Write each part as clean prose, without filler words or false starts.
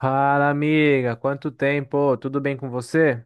Fala, amiga, quanto tempo? Tudo bem com você?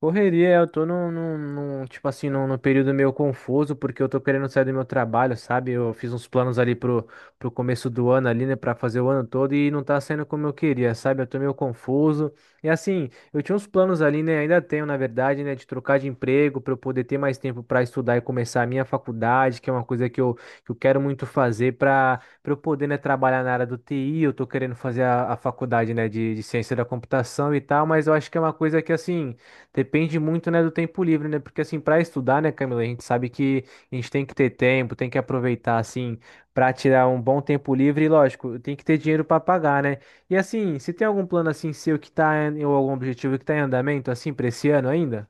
Correria, eu tô tipo assim, num período meio confuso, porque eu tô querendo sair do meu trabalho, sabe? Eu fiz uns planos ali pro começo do ano ali, né, pra fazer o ano todo e não tá saindo como eu queria, sabe? Eu tô meio confuso. E assim, eu tinha uns planos ali, né, ainda tenho, na verdade, né, de trocar de emprego pra eu poder ter mais tempo pra estudar e começar a minha faculdade, que é uma coisa que eu quero muito fazer pra eu poder, né, trabalhar na área do TI. Eu tô querendo fazer a faculdade, né, de ciência da computação e tal, mas eu acho que é uma coisa que, assim, depende muito, né, do tempo livre, né? Porque assim, para estudar, né, Camila, a gente sabe que a gente tem que ter tempo, tem que aproveitar assim para tirar um bom tempo livre e lógico, tem que ter dinheiro para pagar, né? E assim, se tem algum plano assim seu que tá em, ou algum objetivo que tá em andamento assim para esse ano ainda?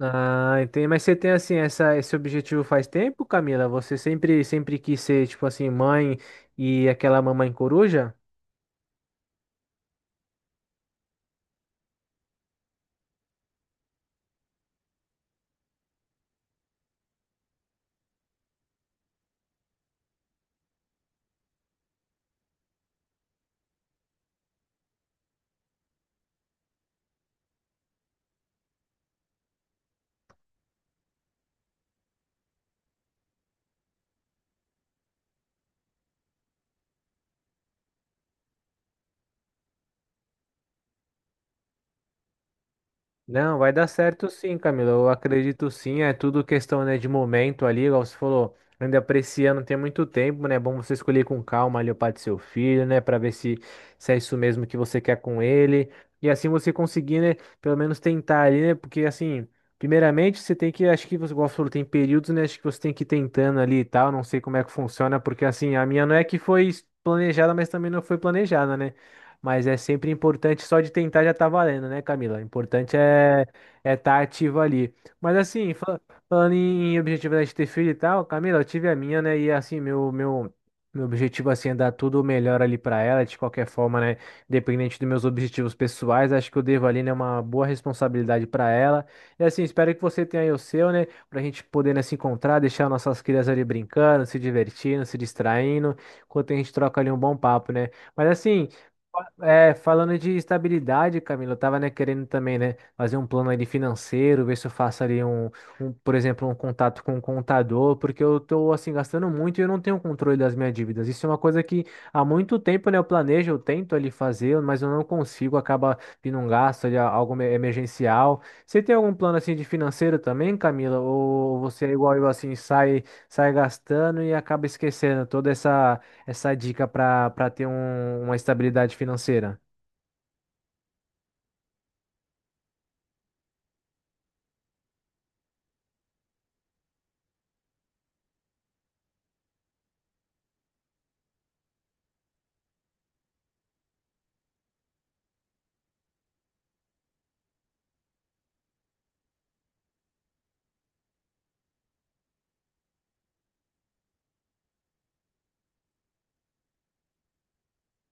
Ah, entendi. Mas você tem assim esse objetivo faz tempo, Camila? Você sempre quis ser tipo assim mãe e aquela mamãe coruja? Não, vai dar certo sim, Camilo. Eu acredito sim. É tudo questão, né, de momento ali, igual você falou. Ainda pra esse ano tem muito tempo, né? É bom você escolher com calma ali o pai do seu filho, né? Pra ver se é isso mesmo que você quer com ele. E assim você conseguir, né? Pelo menos tentar ali, né? Porque assim, primeiramente você tem que, acho que você, igual você falou, tem períodos, né? Acho que você tem que ir tentando ali e tal. Não sei como é que funciona, porque assim, a minha não é que foi planejada, mas também não foi planejada, né? Mas é sempre importante, só de tentar já tá valendo, né, Camila? O importante é estar ativo ali. Mas assim, falando em objetivo, né, de ter filho e tal, Camila, eu tive a minha, né? E assim, meu objetivo assim, é dar tudo o melhor ali pra ela, de qualquer forma, né? Independente dos meus objetivos pessoais, acho que eu devo ali, né, uma boa responsabilidade pra ela. E assim, espero que você tenha aí o seu, né? Pra gente poder, né, se encontrar, deixar nossas crianças ali brincando, se divertindo, se distraindo, enquanto a gente troca ali um bom papo, né? Mas assim. É, falando de estabilidade, Camilo, eu tava, né, querendo também, né, fazer um plano ali financeiro, ver se eu faço ali um, um, por exemplo, um contato com um contador, porque eu tô, assim, gastando muito e eu não tenho controle das minhas dívidas. Isso é uma coisa que há muito tempo, né, eu planejo, eu tento ali fazer, mas eu não consigo, acaba vindo um gasto ali, algo emergencial. Você tem algum plano, assim, de financeiro também, Camila? Ou você é igual eu, assim, sai gastando e acaba esquecendo toda essa dica para ter uma estabilidade financeira?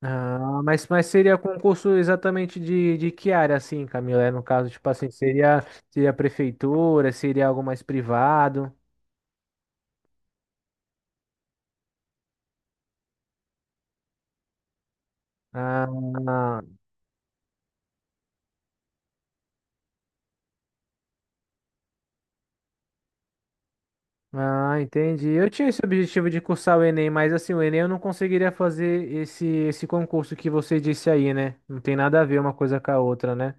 Ah, mas seria concurso exatamente de que área, assim, Camila? É, no caso, tipo assim, seria prefeitura, seria algo mais privado? Ah, ah, entendi. Eu tinha esse objetivo de cursar o Enem, mas assim, o Enem eu não conseguiria fazer esse concurso que você disse aí, né? Não tem nada a ver uma coisa com a outra, né?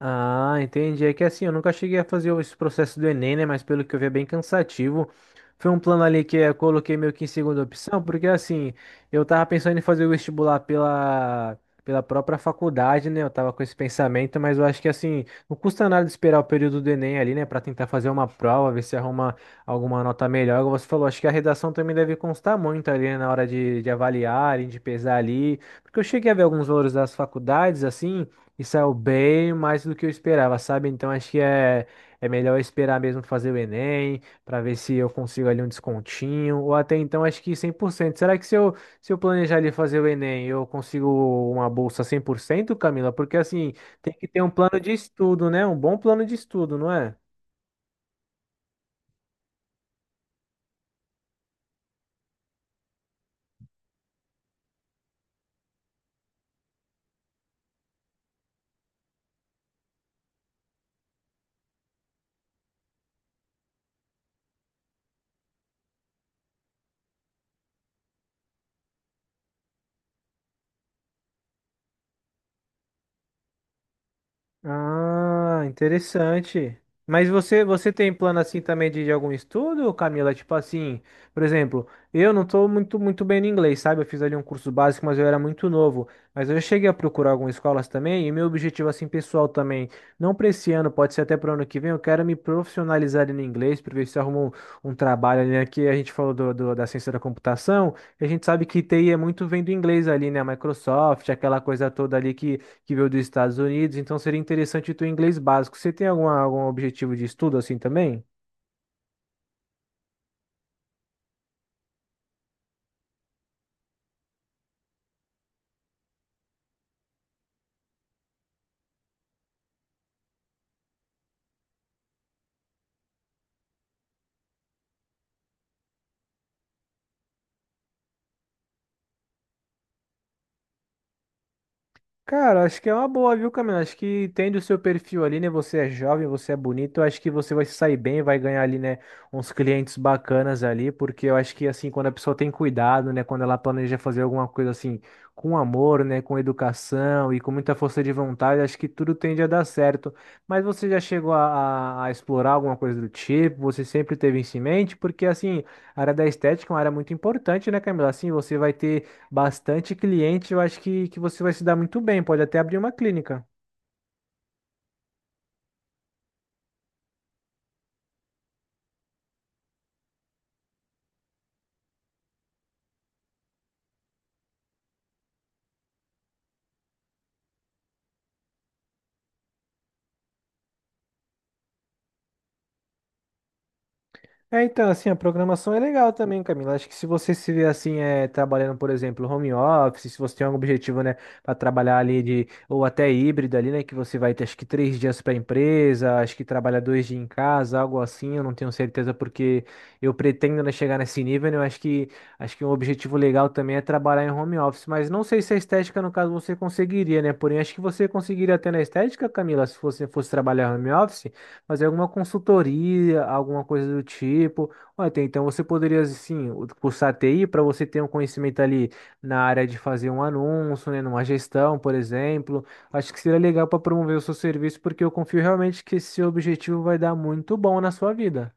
Ah, entendi. É que assim, eu nunca cheguei a fazer esse processo do Enem, né? Mas pelo que eu vi é bem cansativo. Foi um plano ali que eu coloquei meio que em segunda opção, porque assim, eu tava pensando em fazer o vestibular pela própria faculdade, né? Eu tava com esse pensamento, mas eu acho que assim, não custa nada esperar o período do Enem ali, né? Pra tentar fazer uma prova, ver se arruma alguma nota melhor. Como você falou, acho que a redação também deve constar muito ali, né? Na hora de avaliar, de pesar ali. Porque eu cheguei a ver alguns valores das faculdades, assim. E saiu bem mais do que eu esperava, sabe? Então acho que é melhor esperar mesmo fazer o Enem, para ver se eu consigo ali um descontinho, ou até então acho que 100%. Será que se eu planejar ali fazer o Enem, eu consigo uma bolsa 100%, Camila? Porque assim, tem que ter um plano de estudo, né? Um bom plano de estudo, não é? Ah, interessante. Mas você tem plano assim também de algum estudo, Camila? Tipo assim, por exemplo, eu não tô muito, muito bem no inglês, sabe? Eu fiz ali um curso básico, mas eu era muito novo. Mas eu cheguei a procurar algumas escolas também, e meu objetivo assim pessoal também, não para esse ano, pode ser até para o ano que vem, eu quero me profissionalizar ali no inglês, para ver se eu arrumo um trabalho ali, né? Que a gente falou da ciência da computação, e a gente sabe que TI é muito vem do inglês ali, né? Microsoft, aquela coisa toda ali que veio dos Estados Unidos, então seria interessante o teu inglês básico. Você tem algum objetivo de estudo assim também? Cara, acho que é uma boa, viu, Camila? Acho que entende o seu perfil ali, né? Você é jovem, você é bonito. Eu Acho que você vai se sair bem, vai ganhar ali, né? Uns clientes bacanas ali, porque eu acho que, assim, quando a pessoa tem cuidado, né? Quando ela planeja fazer alguma coisa assim, com amor, né? Com educação e com muita força de vontade, acho que tudo tende a dar certo. Mas você já chegou a explorar alguma coisa do tipo? Você sempre teve isso em mente? Porque, assim, a área da estética é uma área muito importante, né, Camila? Assim, você vai ter bastante cliente, eu acho que você vai se dar muito bem, pode até abrir uma clínica. É, então, assim, a programação é legal também, Camila. Acho que se você se vê assim, é, trabalhando, por exemplo, home office, se você tem algum objetivo, né, para trabalhar ali de, ou até híbrido ali, né, que você vai ter acho que três dias para a empresa, acho que trabalha dois dias em casa, algo assim, eu não tenho certeza porque eu pretendo, né, chegar nesse nível, né, eu acho que um objetivo legal também é trabalhar em home office, mas não sei se a estética, no caso, você conseguiria, né, porém acho que você conseguiria até na estética, Camila, se você fosse trabalhar home office, fazer alguma consultoria, alguma coisa do tipo. Olha, então você poderia, assim, cursar TI para você ter um conhecimento ali na área de fazer um anúncio, né, numa gestão, por exemplo. Acho que seria legal para promover o seu serviço, porque eu confio realmente que esse objetivo vai dar muito bom na sua vida.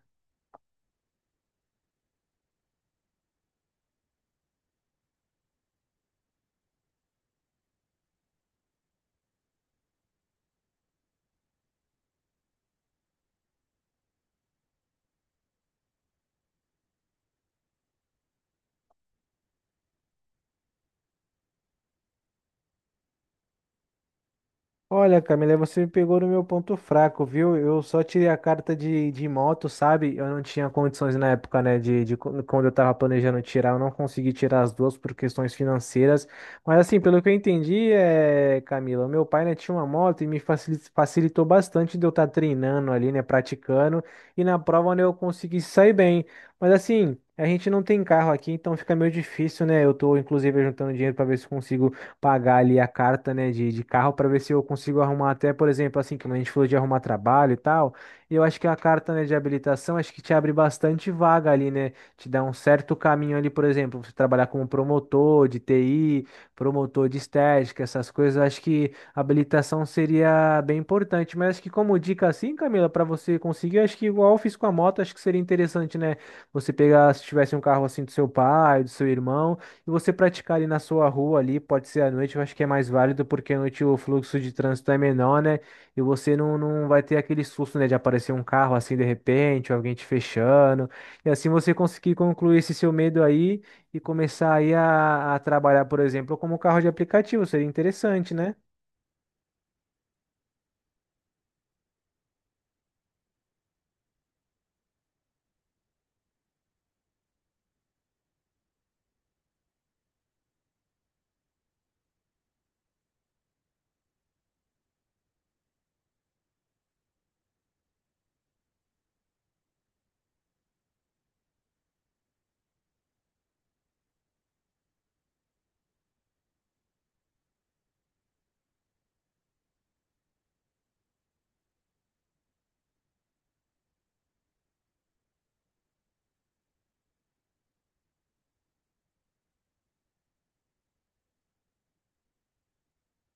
Olha, Camila, você me pegou no meu ponto fraco, viu? Eu só tirei a carta de moto, sabe? Eu não tinha condições na época, né? De quando eu tava planejando tirar, eu não consegui tirar as duas por questões financeiras. Mas assim, pelo que eu entendi, é, Camila, meu pai, né, tinha uma moto e me facilitou bastante de eu estar treinando ali, né? Praticando. E na prova, né, eu consegui sair bem. Mas assim. A gente não tem carro aqui, então fica meio difícil, né? Eu tô, inclusive, juntando dinheiro para ver se consigo pagar ali a carta, né, de carro para ver se eu consigo arrumar até, por exemplo, assim, como a gente falou de arrumar trabalho e tal, e eu acho que a carta, né, de habilitação, acho que te abre bastante vaga ali, né, te dá um certo caminho ali, por exemplo, você trabalhar como promotor de TI, promotor de estética, essas coisas, eu acho que a habilitação seria bem importante, mas acho que como dica assim, Camila, para você conseguir, acho que igual eu fiz com a moto, acho que seria interessante, né, você pegar, se tivesse um carro assim do seu pai, do seu irmão, e você praticar ali na sua rua ali, pode ser à noite, eu acho que é mais válido, porque à noite o fluxo de trânsito é menor, né? E você não vai ter aquele susto, né, de aparecer um carro assim de repente, ou alguém te fechando. E assim você conseguir concluir esse seu medo aí e começar aí a trabalhar, por exemplo, como carro de aplicativo, seria interessante, né?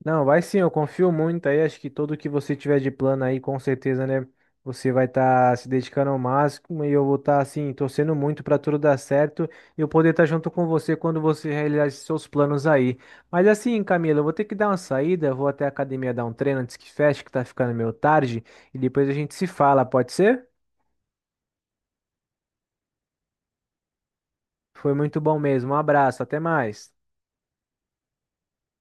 Não, vai sim, eu confio muito aí. Acho que tudo que você tiver de plano aí, com certeza, né? Você vai estar se dedicando ao máximo e eu vou estar, assim, torcendo muito para tudo dar certo e eu poder estar junto com você quando você realizar esses seus planos aí. Mas assim, Camila, eu vou ter que dar uma saída, eu vou até a academia dar um treino antes que feche, que tá ficando meio tarde, e depois a gente se fala, pode ser? Foi muito bom mesmo. Um abraço, até mais.